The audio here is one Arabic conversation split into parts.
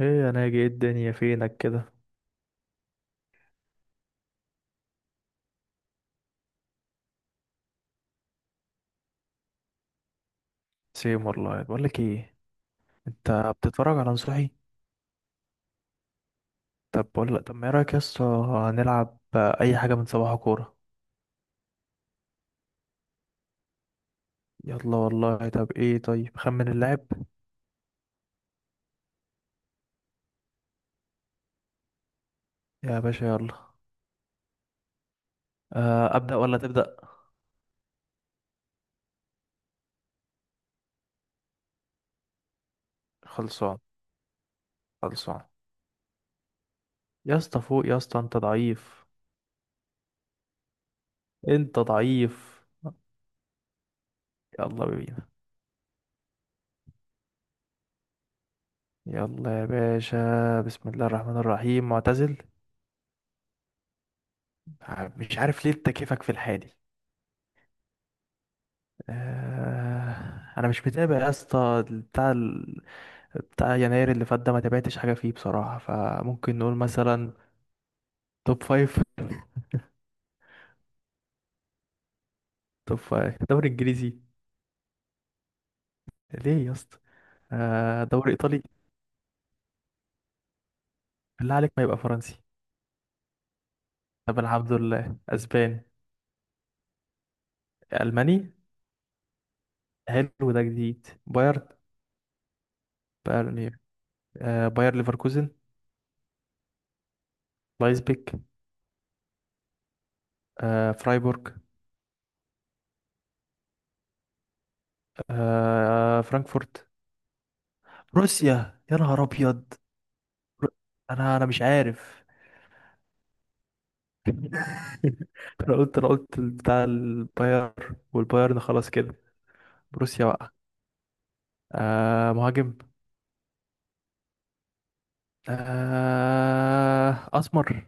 ايه انا اجي ايه الدنيا فينك كده. سيم والله بقول لك ايه. انت بتتفرج على نصوحي؟ طب بقول لك، طب ما ايه رايك يا اسطى؟ هنلعب اي حاجه، من صباح كوره. يلا والله، طب ايه، طيب خمن اللاعب. يا باشا يلا. ابدا ولا تبدا؟ خلصان. خلصان. يا اسطى فوق، يا اسطى انت ضعيف. انت ضعيف. يلا بينا. يلا يا باشا، بسم الله الرحمن الرحيم. معتزل. مش عارف ليه، انت كيفك في الحالي. انا مش متابع يا اسطى بتاع بتاع يناير اللي فات ده، ما تابعتش حاجه فيه بصراحه، فممكن نقول مثلا توب فايف. توب فايف دوري انجليزي. ليه يا اسطى؟ دوري ايطالي. بالله عليك، ما يبقى فرنسي. طب الحمد لله، اسباني. الماني. حلو، ده جديد. بايرن. بايرن إيه؟ باير ليفركوزن. لايبزيج. فرايبورغ. فرانكفورت. روسيا، يا نهار ابيض. رو- انا مش عارف انا قلت بتاع الباير. والبايرن خلاص كده. بروسيا بقى. آه مهاجم. آه اسمر.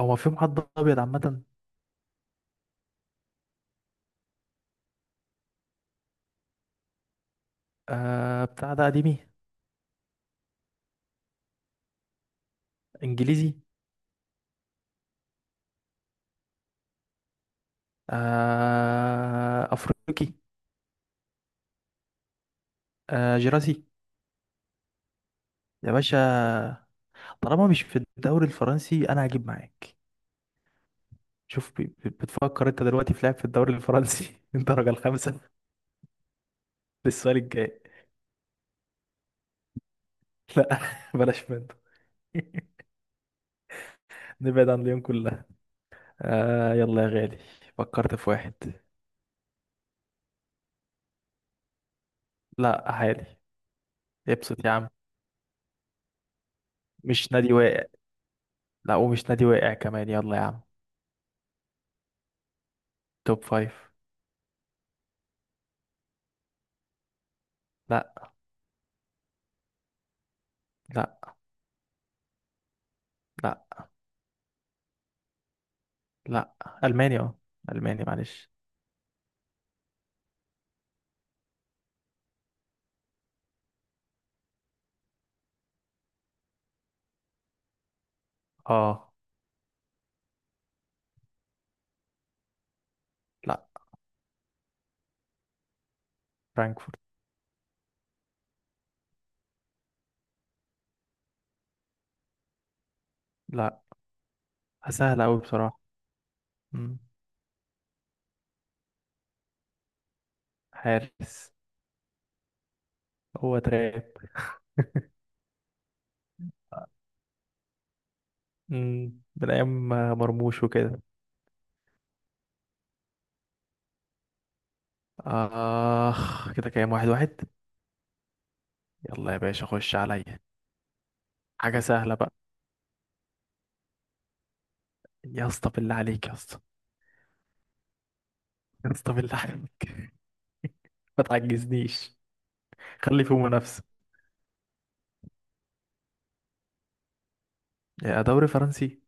هو ما فيهم حد ابيض عامه؟ آه بتاع ده قديمي. انجليزي. آه افريقي. آه جراسي. يا باشا، طالما مش في الدوري الفرنسي انا هجيب معاك. شوف، بتفكر انت دلوقتي في لعب في الدوري الفرنسي الدرجه الخامسه للسؤال الجاي. لا بلاش منه نبعد عن ليون كلها. آه يلا يا غالي، فكرت في واحد. لا عالي. ابسط يا عم. مش نادي واقع. لا، ومش نادي واقع كمان. يلا يا عم. توب فايف. لا. لا. لا. لا. ألماني اه. ألماني معلش. اه. لا. فرانكفورت. لا. سهل أوي بصراحة. مم. حارس. هو تراب. مم، من أيام مرموش وكده. آخ كده، كام؟ واحد واحد. يلا يا باشا، خش عليا. حاجة سهلة بقى. يا اسطى بالله عليك، يا اسطى. يا اسطى بالله عليك، ما تعجزنيش. خلي فيه منافسة. يا دوري فرنسي.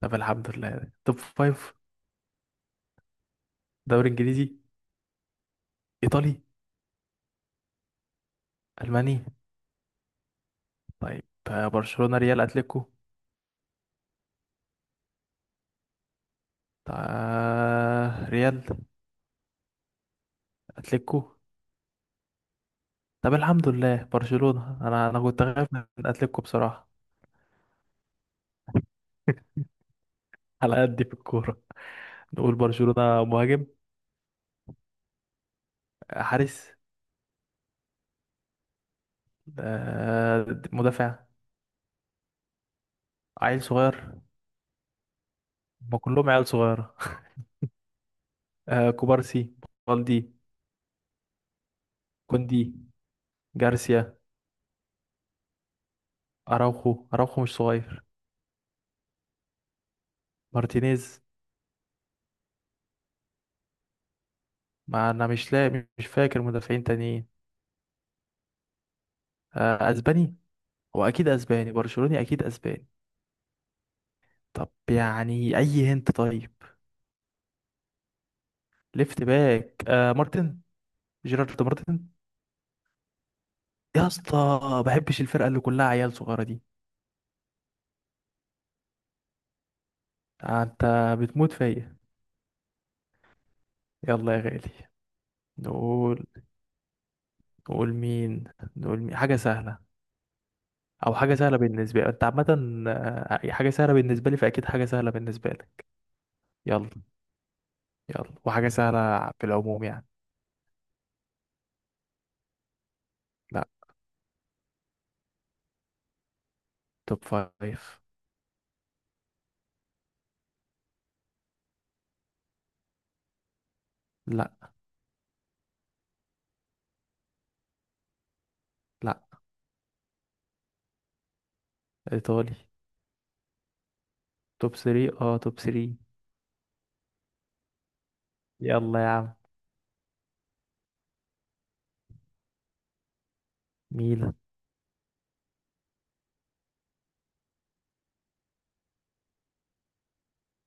طب الحمد لله، توب فايف. دوري انجليزي. ايطالي. الماني. طيب. برشلونة، ريال، اتلتيكو. طيب ريال. اتلتيكو. طب الحمد لله برشلونة، انا كنت خايف من اتلتيكو بصراحة على قد في الكورة. نقول برشلونة. مهاجم. حارس. آه، مدافع. عيل صغير. ما كلهم عيال صغيرة كوبارسي. بالدي. كوندي. جارسيا. اراوخو. اراوخو مش صغير. مارتينيز. ما انا مش لاقي، مش فاكر مدافعين تانيين. اسباني. هو اكيد اسباني، برشلوني اكيد اسباني. طب يعني اي هنت طيب. ليفت باك آه مارتن. جيرارد مارتن. يا اسطى، بحبش الفرقه اللي كلها عيال صغيره دي. انت بتموت فيا. يلا يا غالي. نقول نقول مين. نقول مين، حاجه سهله. او حاجه سهله بالنسبه لي، انت عامه. حاجه سهله بالنسبه لي، فاكيد حاجه سهله بالنسبه لك. يلا. يلا، وحاجة سهلة في العموم يعني. لا. توب فايف. لا. لا. إيطالي. توب ثري، اه توب ثري. يلا يا عم. ميلان.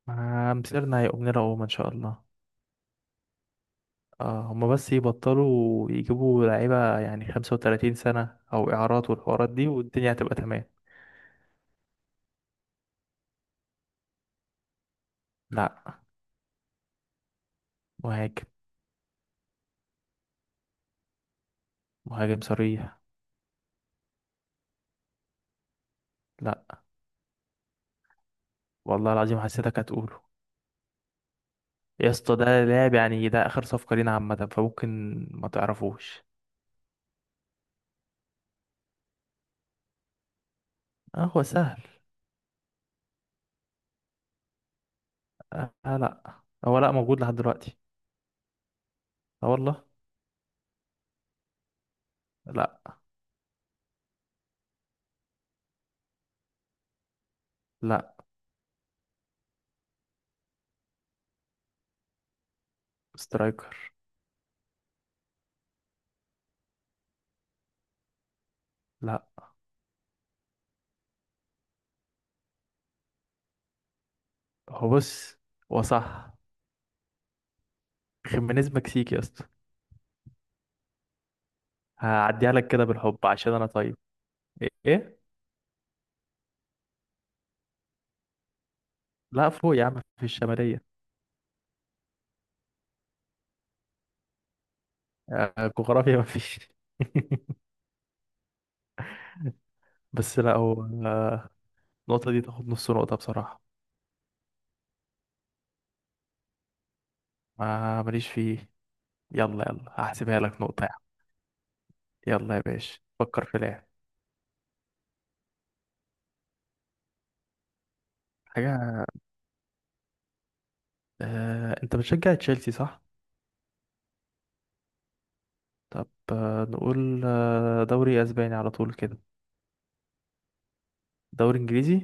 ما مسيرنا هيقوم لنا قوم إن شاء الله. اه، هما بس يبطلوا يجيبوا لعيبة يعني 35 سنة أو إعارات والحوارات دي، والدنيا هتبقى تمام. لا. مهاجم. مهاجم صريح. لا، والله العظيم حسيتك هتقوله. يا اسطى، ده لاعب يعني، ده آخر صفقة لينا عامة، فممكن ما تعرفوش. اه هو سهل. آه لا، هو لا موجود لحد دلوقتي. اه والله. لا. لا. سترايكر. لا. هو بص، هو صح. خيمينيز مكسيكي يا اسطى. هعديها لك كده بالحب، عشان انا طيب. ايه إيه؟ لا فوق يا عم، في الشمالية. جغرافيا مفيش بس لا هو، النقطة دي تاخد نص نقطة بصراحة. ما ماليش فيه. يلا يلا، هحسبها لك نقطة يا عم. يلا يا باشا، فكر في لاعب. حاجة. انت بتشجع تشيلسي صح؟ طب نقول دوري اسباني على طول كده. دوري انجليزي.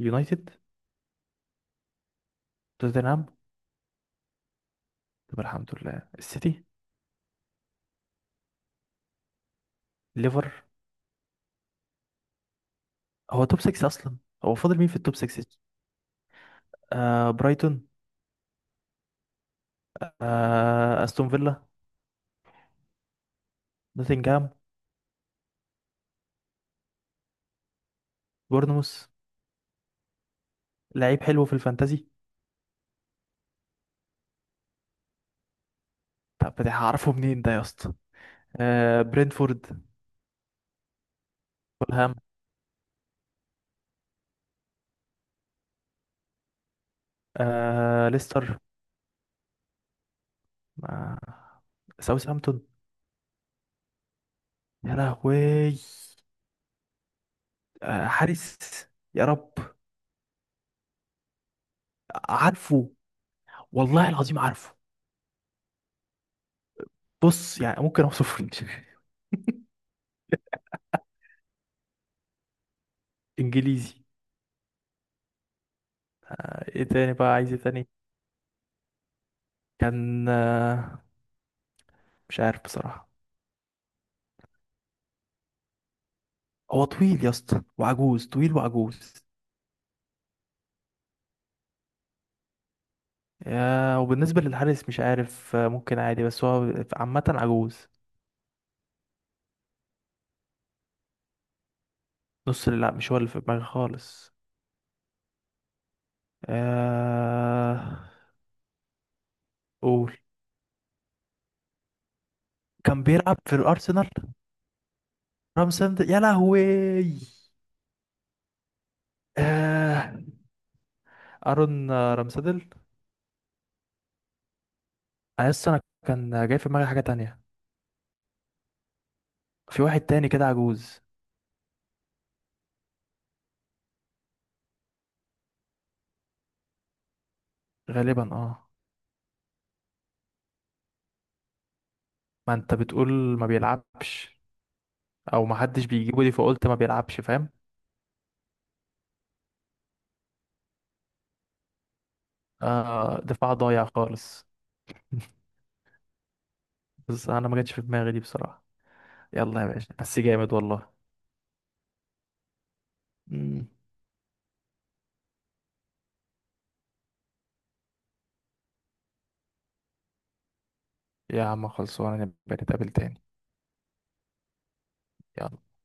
يونايتد. توتنهام. طب الحمد لله، السيتي. ليفر. هو توب 6 اصلا، هو فاضل مين في التوب 6؟ آه برايتون. آه استون فيلا. نوتنغهام. بورنموث. لعيب حلو في الفانتازي. طب ده هعرفه منين ده يا اسطى؟ آه برينفورد. فولهام. آه ليستر. آه ساوثهامبتون. يا لهوي. آه حارس. يا رب. عارفه. والله العظيم عارفه. بص يعني، ممكن اوصفه انجليزي. ايه تاني بقى، عايز ايه تاني؟ كان آه، مش عارف بصراحة. هو طويل يا اسطى وعجوز، طويل وعجوز. يا وبالنسبة للحارس، مش عارف ممكن عادي، بس هو عامة عجوز. نص اللعب، مش هو اللي في دماغي خالص. آه... قول. كان بيلعب في الأرسنال. رامسند، يا لهوي. آه... أرون رامسدل. أنا لسه أنا كان جاي في دماغي حاجة تانية. في واحد تاني كده عجوز. غالبا اه. ما انت بتقول ما بيلعبش او ما حدش بيجيبه دي، فقلت ما بيلعبش، فاهم. آه، دفاع ضايع خالص. بس انا ما جاتش في دماغي دي بصراحة. يلا يا باشا، بس جامد والله. مم. يا عم خلصونا، نبقى نتقابل تاني. يلا.